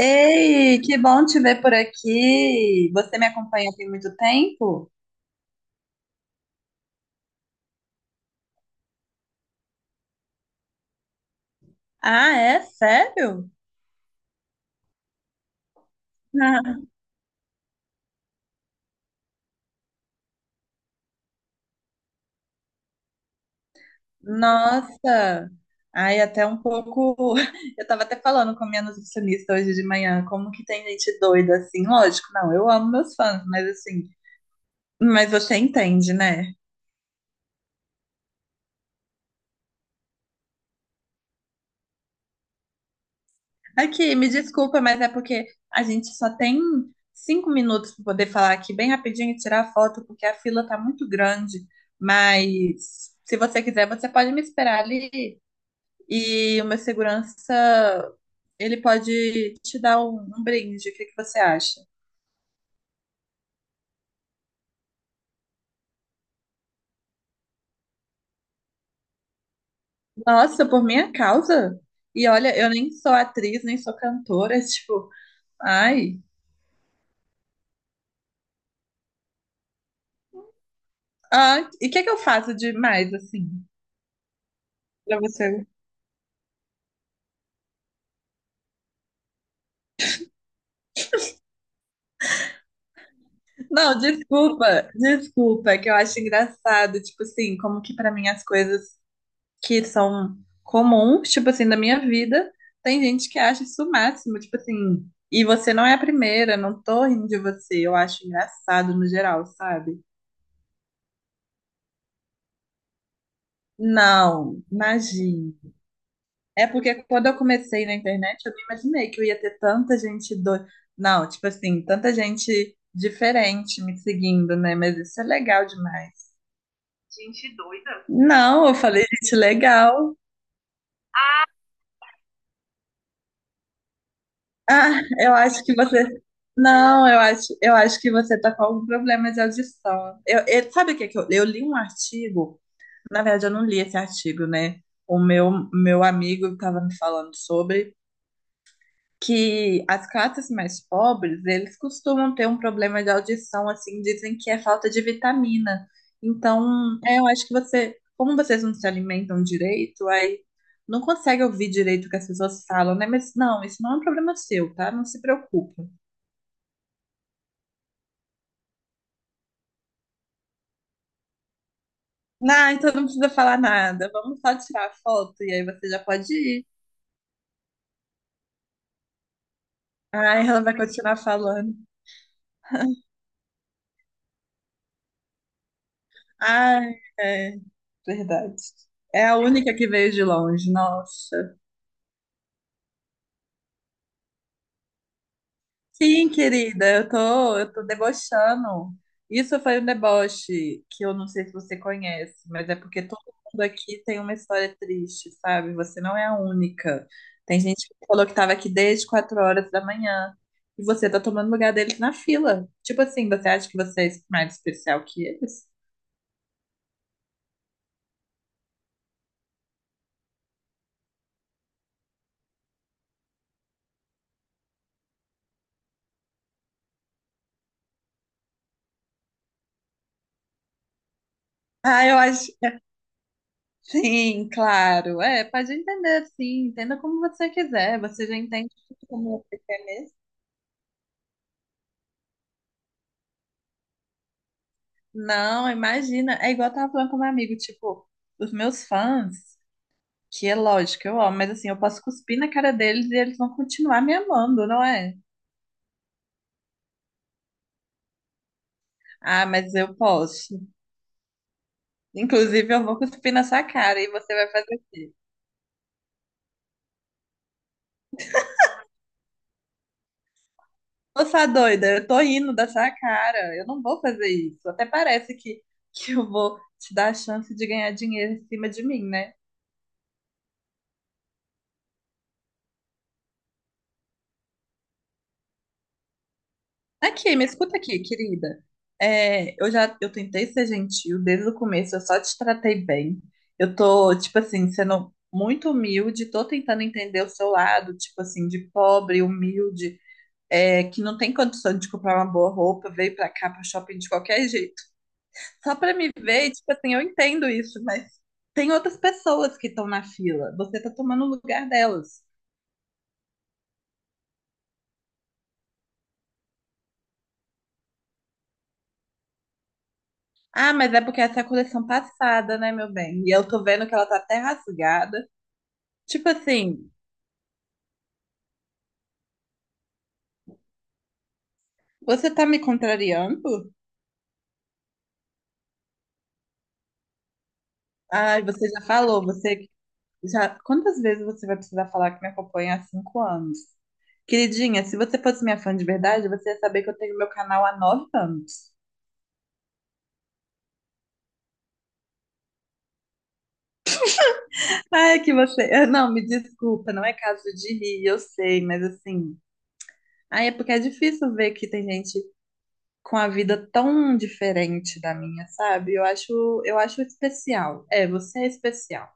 Ei, que bom te ver por aqui. Você me acompanha tem muito tempo? Ah, é? Sério? Ah. Nossa! Ai, até um pouco. Eu tava até falando com a minha nutricionista hoje de manhã, como que tem gente doida assim? Lógico, não, eu amo meus fãs, mas assim, mas você entende, né? Aqui, me desculpa, mas é porque a gente só tem 5 minutos para poder falar aqui bem rapidinho e tirar a foto, porque a fila tá muito grande. Mas se você quiser, você pode me esperar ali e o meu segurança, ele pode te dar um brinde. O que que você acha? Nossa, por minha causa? E olha, eu nem sou atriz, nem sou cantora, tipo, ai. Ah, e o que que eu faço de mais assim, para você? Não, desculpa, desculpa, é que eu acho engraçado, tipo assim, como que pra mim as coisas que são comuns, tipo assim, da minha vida, tem gente que acha isso o máximo, tipo assim, e você não é a primeira, não tô rindo de você, eu acho engraçado no geral, sabe? Não, imagina. É porque quando eu comecei na internet, eu não imaginei que eu ia ter tanta gente do... Não, tipo assim, tanta gente diferente me seguindo, né? Mas isso é legal demais. Gente doida. Não, eu falei, gente, legal. Ah, eu acho que você. Não, eu acho que você tá com algum problema de audição. Sabe o que que eu li um artigo? Na verdade, eu não li esse artigo, né? O meu amigo estava me falando sobre. Que as classes mais pobres, eles costumam ter um problema de audição, assim, dizem que é falta de vitamina. Então, é, eu acho que você, como vocês não se alimentam direito, aí não consegue ouvir direito o que as pessoas falam, né? Mas não, isso não é um problema seu, tá? Não se preocupa. Ah, então não precisa falar nada. Vamos só tirar a foto e aí você já pode ir. Ai, ela vai continuar falando. Ai, é verdade. É a única que veio de longe, nossa. Sim, querida, eu tô debochando. Isso foi um deboche que eu não sei se você conhece, mas é porque todo mundo aqui tem uma história triste, sabe? Você não é a única. Tem gente que falou que tava aqui desde 4 horas da manhã e você tá tomando lugar deles na fila. Tipo assim, você acha que você é mais especial que eles? Ah, eu acho. Sim, claro. É, pode entender, sim. Entenda como você quiser. Você já entende como você quer. Não, imagina. É igual eu tava falando com meu amigo, tipo, os meus fãs, que é lógico, eu amo, mas assim, eu posso cuspir na cara deles e eles vão continuar me amando, não é? Ah, mas eu posso. Inclusive, eu vou cuspir na sua cara e você vai fazer. Ô, sua doida, eu tô rindo da sua cara. Eu não vou fazer isso. Até parece que eu vou te dar a chance de ganhar dinheiro em cima de mim, né? Aqui, me escuta aqui, querida. É, eu já eu tentei ser gentil desde o começo, eu só te tratei bem. Eu tô, tipo assim, sendo muito humilde, tô tentando entender o seu lado, tipo assim, de pobre, humilde, é, que não tem condição de comprar uma boa roupa, veio pra cá, pro shopping de qualquer jeito. Só pra me ver, e, tipo assim, eu entendo isso, mas tem outras pessoas que estão na fila. Você tá tomando o lugar delas. Ah, mas é porque essa é a coleção passada, né, meu bem? E eu tô vendo que ela tá até rasgada. Tipo assim, você tá me contrariando? Ai, você já falou, você já. Quantas vezes você vai precisar falar que me acompanha há 5 anos? Queridinha, se você fosse minha fã de verdade, você ia saber que eu tenho meu canal há 9 anos. Ai, que você. Não, me desculpa, não é caso de rir, eu sei, mas assim. Ai, é porque é difícil ver que tem gente com a vida tão diferente da minha, sabe? Eu acho especial. É, você é especial.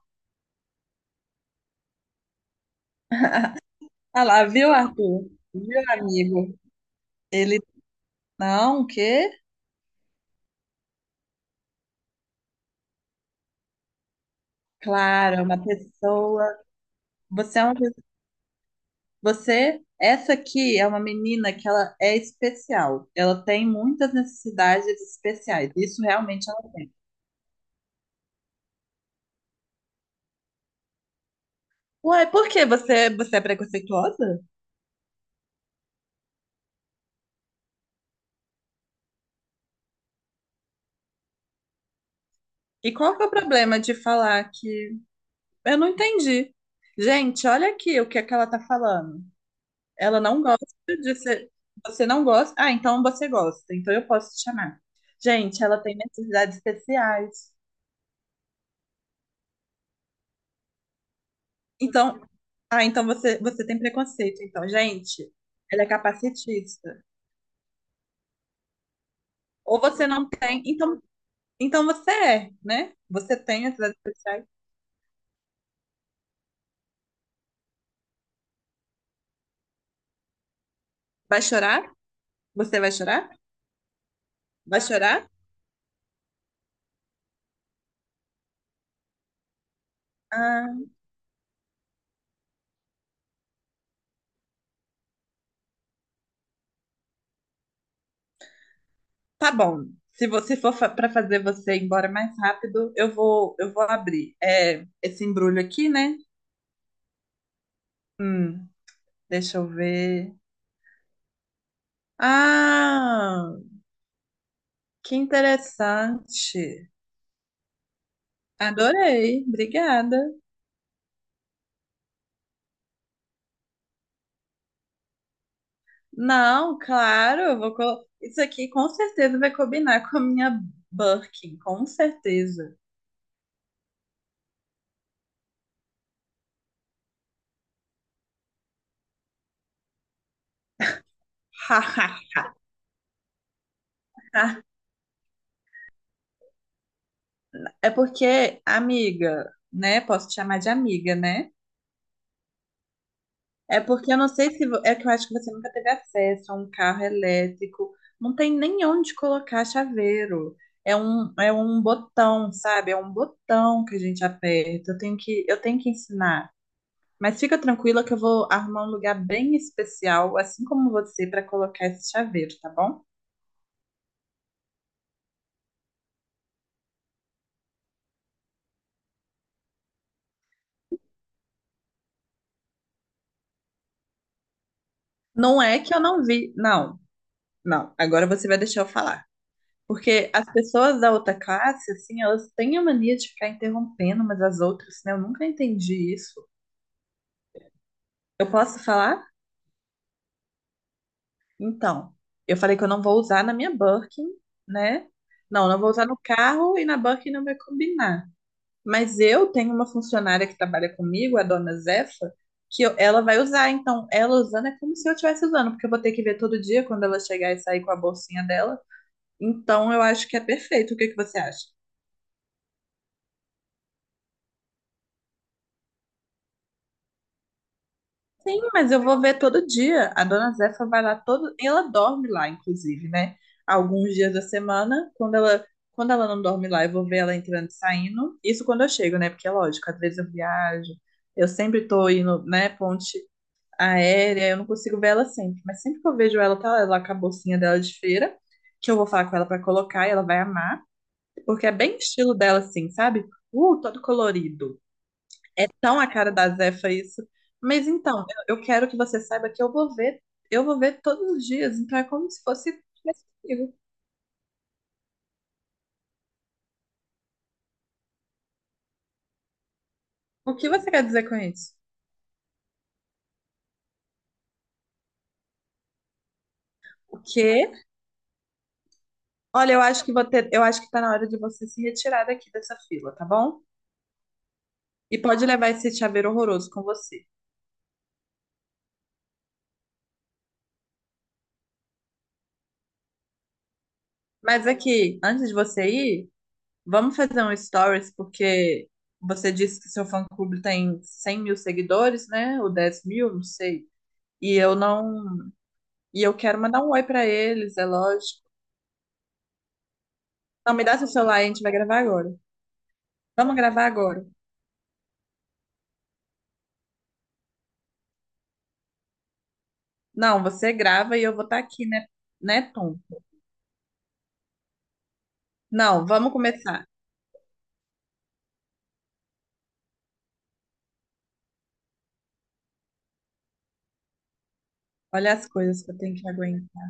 Ah lá, viu, Arthur? Viu, amigo? Ele. Não, o quê? Claro, é uma pessoa. Você é uma, pe- você, essa aqui é uma menina que ela é especial. Ela tem muitas necessidades especiais. Isso realmente ela tem. Uai, por que você, você é preconceituosa? E qual que é o problema de falar que eu não entendi? Gente, olha aqui o que é que ela tá falando. Ela não gosta de ser. Você não gosta? Ah, então você gosta. Então eu posso te chamar. Gente, ela tem necessidades especiais. Então, ah, então você, você tem preconceito, então, gente. Ela é capacitista. Ou você não tem, então, então você é, né? Você tem atividades especiais. Vai chorar? Você vai chorar? Vai chorar? Ah, tá bom. Se você for fa para fazer você ir embora mais rápido, eu vou abrir. É, esse embrulho aqui, né? Hum, deixa eu ver. Ah, que interessante. Adorei, obrigada. Não, claro, eu vou colo... Isso aqui com certeza vai combinar com a minha Birkin, com certeza. É porque, amiga, né? Posso te chamar de amiga, né? É porque eu não sei se. Vo- é que eu acho que você nunca teve acesso a um carro elétrico. Não tem nem onde colocar chaveiro. É um botão, sabe? É um botão que a gente aperta. Eu tenho que ensinar. Mas fica tranquila que eu vou arrumar um lugar bem especial, assim como você, para colocar esse chaveiro, tá bom? Não é que eu não vi. Não, não. Agora você vai deixar eu falar. Porque as pessoas da outra classe, assim, elas têm a mania de ficar interrompendo umas as outras, né? Eu nunca entendi isso. Eu posso falar? Então, eu falei que eu não vou usar na minha Birkin, né? Não, não vou usar no carro e na Birkin não vai combinar. Mas eu tenho uma funcionária que trabalha comigo, a dona Zefa, que eu- ela vai usar. Então, ela usando é como se eu estivesse usando, porque eu vou ter que ver todo dia quando ela chegar e sair com a bolsinha dela. Então, eu acho que é perfeito. O que que você acha? Sim, mas eu vou ver todo dia. A dona Zefa vai lá todo. Ela dorme lá, inclusive, né? Alguns dias da semana, quando ela. Quando ela não dorme lá, eu vou ver ela entrando e saindo. Isso quando eu chego, né? Porque é lógico, às vezes eu viajo, eu sempre tô indo, né, ponte aérea, eu não consigo ver ela sempre, mas sempre que eu vejo ela, tá lá com a bolsinha dela de feira, que eu vou falar com ela pra colocar e ela vai amar, porque é bem estilo dela assim, sabe? Todo colorido. É tão a cara da Zefa isso. Mas então, eu quero que você saiba que eu vou ver todos os dias, então é como se fosse tivesse comigo. O que você quer dizer com isso? O quê? Olha, eu acho que vou ter- eu acho que tá na hora de você se retirar daqui dessa fila, tá bom? E pode levar esse chaveiro horroroso com você. Mas aqui, antes de você ir, vamos fazer um stories, porque você disse que seu fã-clube tem 100 mil seguidores, né? Ou 10 mil, não sei. E eu não. E eu quero mandar um oi pra eles, é lógico. Não, me dá seu celular aí, a gente vai gravar agora. Vamos gravar agora. Não, você grava e eu vou estar aqui, né? Né, Tom? Não, vamos começar. Olha as coisas que eu tenho que aguentar.